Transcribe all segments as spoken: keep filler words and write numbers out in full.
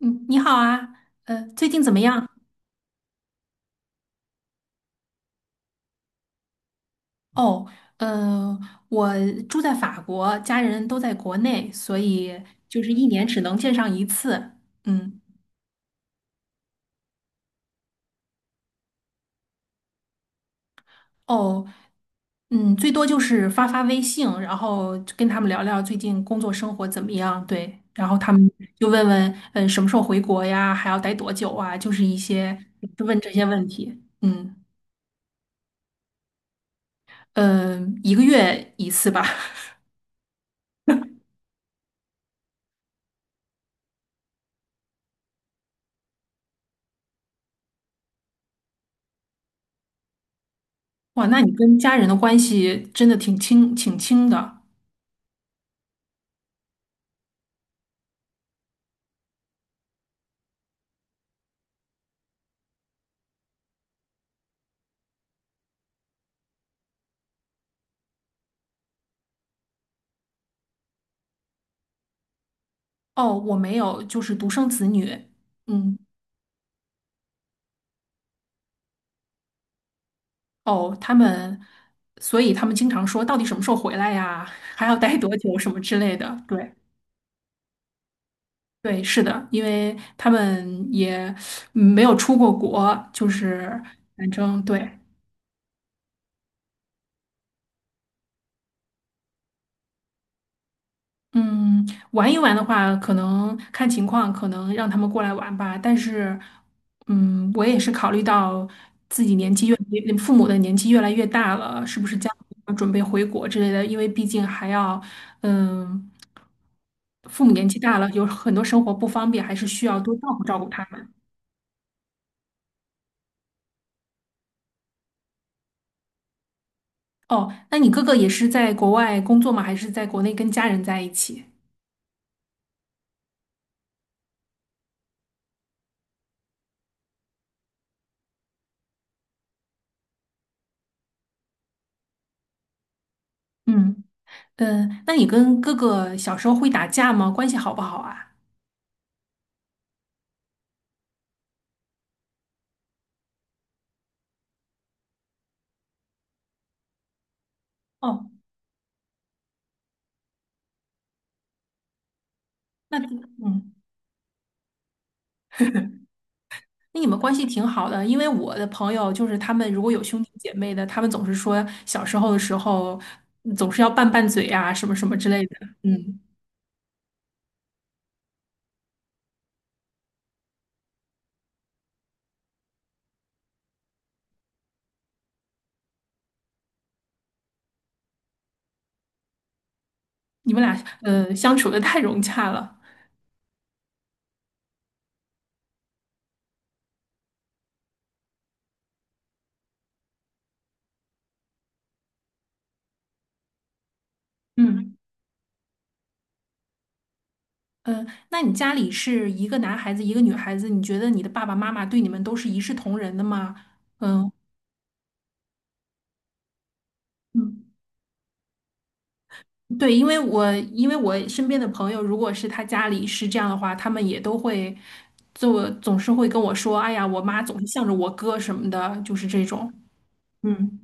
嗯，你好啊，呃，最近怎么样？哦，呃，我住在法国，家人都在国内，所以就是一年只能见上一次。嗯，哦，嗯，最多就是发发微信，然后就跟他们聊聊最近工作生活怎么样。对，然后他们就问问，嗯，什么时候回国呀？还要待多久啊？就是一些就问这些问题。嗯，呃，一个月一次吧。哇，那你跟家人的关系真的挺亲，挺亲的。哦，我没有，就是独生子女。嗯，哦，他们，所以他们经常说，到底什么时候回来呀？还要待多久什么之类的。对，对，是的，因为他们也没有出过国，就是反正对。嗯，玩一玩的话，可能看情况，可能让他们过来玩吧。但是，嗯，我也是考虑到自己年纪越，父母的年纪越来越大了，是不是将来要准备回国之类的？因为毕竟还要，嗯，父母年纪大了，有很多生活不方便，还是需要多照顾照顾他们。哦，那你哥哥也是在国外工作吗？还是在国内跟家人在一起？嗯嗯，那你跟哥哥小时候会打架吗？关系好不好啊？哦。那嗯，那你们关系挺好的，因为我的朋友就是他们如果有兄弟姐妹的，他们总是说小时候的时候嗯总是要拌拌嘴啊，什么什么之类的。嗯，你们俩呃相处的太融洽了。嗯嗯，那你家里是一个男孩子一个女孩子，你觉得你的爸爸妈妈对你们都是一视同仁的吗？嗯嗯。对，因为我因为我身边的朋友，如果是他家里是这样的话，他们也都会做，总是会跟我说：“哎呀，我妈总是向着我哥什么的，就是这种。”嗯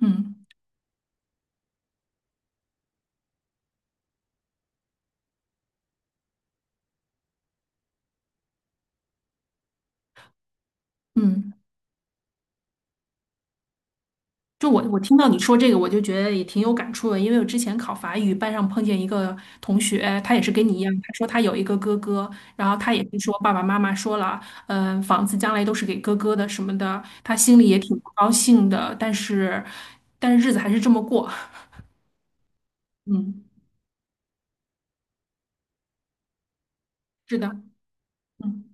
嗯嗯，就我我听到你说这个，我就觉得也挺有感触的，因为我之前考法语，班上碰见一个同学，他也是跟你一样，他说他有一个哥哥，然后他也是说爸爸妈妈说了，嗯、房子将来都是给哥哥的什么的，他心里也挺不高兴的，但是但是日子还是这么过，嗯。是的，嗯，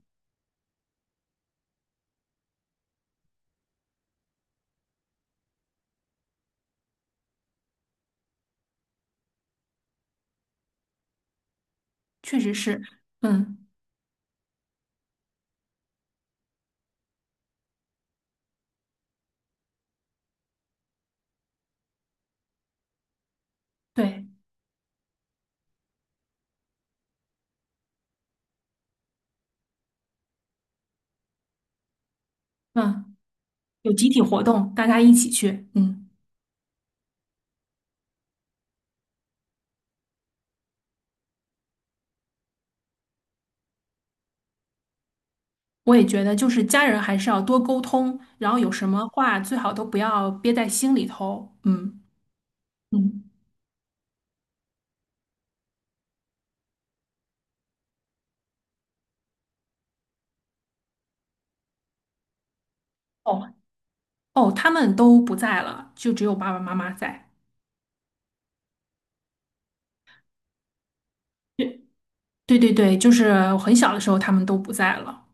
确实是，嗯，对，嗯，有集体活动，大家一起去，嗯，我也觉得，就是家人还是要多沟通，然后有什么话最好都不要憋在心里头，嗯嗯，哦哦，他们都不在了，就只有爸爸妈妈在，对对对对，就是我很小的时候他们都不在了，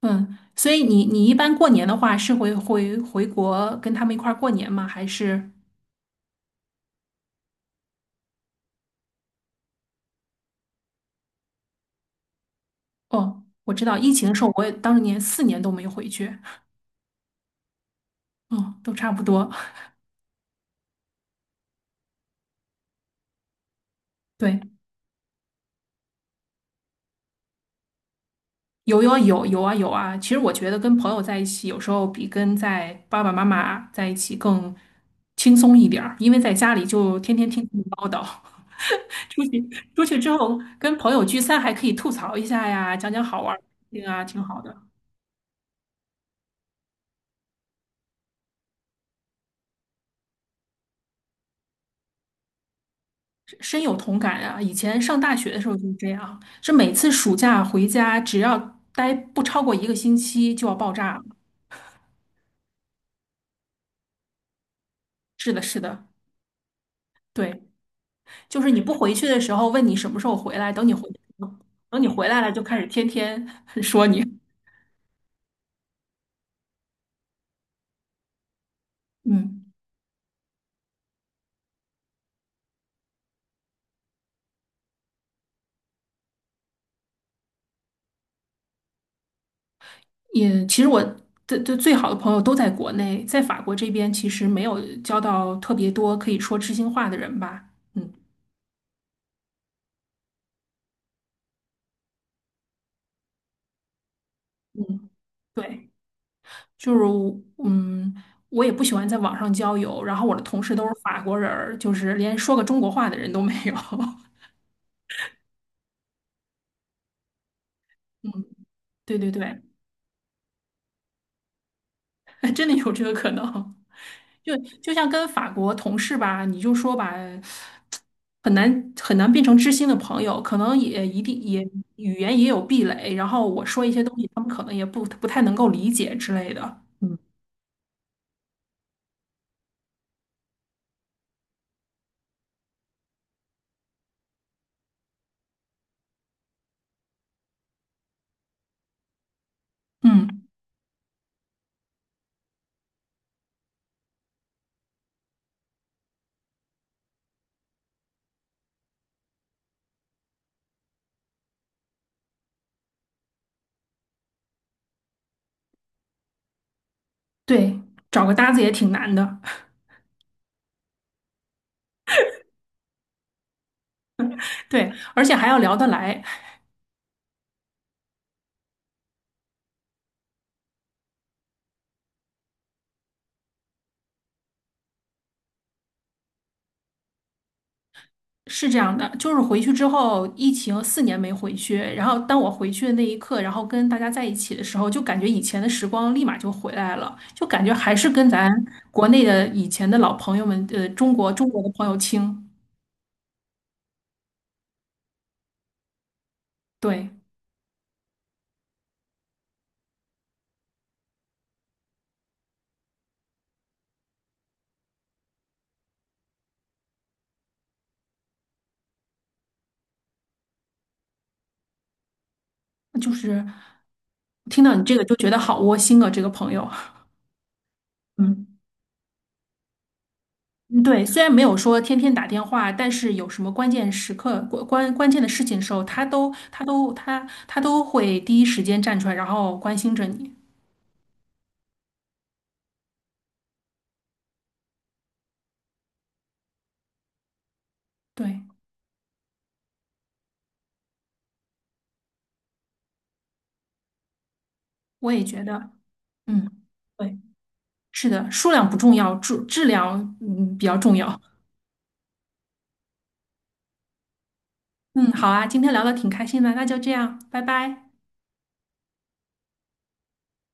嗯，所以你你一般过年的话是会回回国跟他们一块儿过年吗？还是哦，我知道疫情的时候我也当年四年都没回去。哦，都差不多。对，有有有有啊有啊。其实我觉得跟朋友在一起，有时候比跟在爸爸妈妈在一起更轻松一点儿，因为在家里就天天听他们唠叨。出去出去之后，跟朋友聚餐还可以吐槽一下呀，讲讲好玩儿的事情啊，挺好的，深深有同感啊。以前上大学的时候就是这样，是每次暑假回家，只要待不超过一个星期就要爆炸了。是的，是的，对。就是你不回去的时候问你什么时候回来，等你回，等你回来了就开始天天 说你。嗯，也其实我的的最好的朋友都在国内，在法国这边其实没有交到特别多可以说知心话的人吧。嗯嗯，对，就是我嗯，我也不喜欢在网上交友，然后我的同事都是法国人儿，就是连说个中国话的人都没有。嗯，对对对。真的有这个可能。就就像跟法国同事吧，你就说吧，很难很难变成知心的朋友，可能也一定也语言也有壁垒，然后我说一些东西，他们可能也不不太能够理解之类的。嗯嗯，对，找个搭子也挺难的，对，而且还要聊得来。是这样的，就是回去之后，疫情四年没回去，然后当我回去的那一刻，然后跟大家在一起的时候，就感觉以前的时光立马就回来了，就感觉还是跟咱国内的以前的老朋友们，呃，中国中国的朋友亲，对，就是听到你这个就觉得好窝心啊，这个朋友，嗯。嗯对，虽然没有说天天打电话，但是有什么关键时刻、关关关键的事情的时候，他都他都他他都会第一时间站出来，然后关心着你。对。我也觉得，嗯，对，是的，数量不重要，质质量嗯比较重要。嗯，好啊，今天聊的挺开心的，那就这样，拜拜。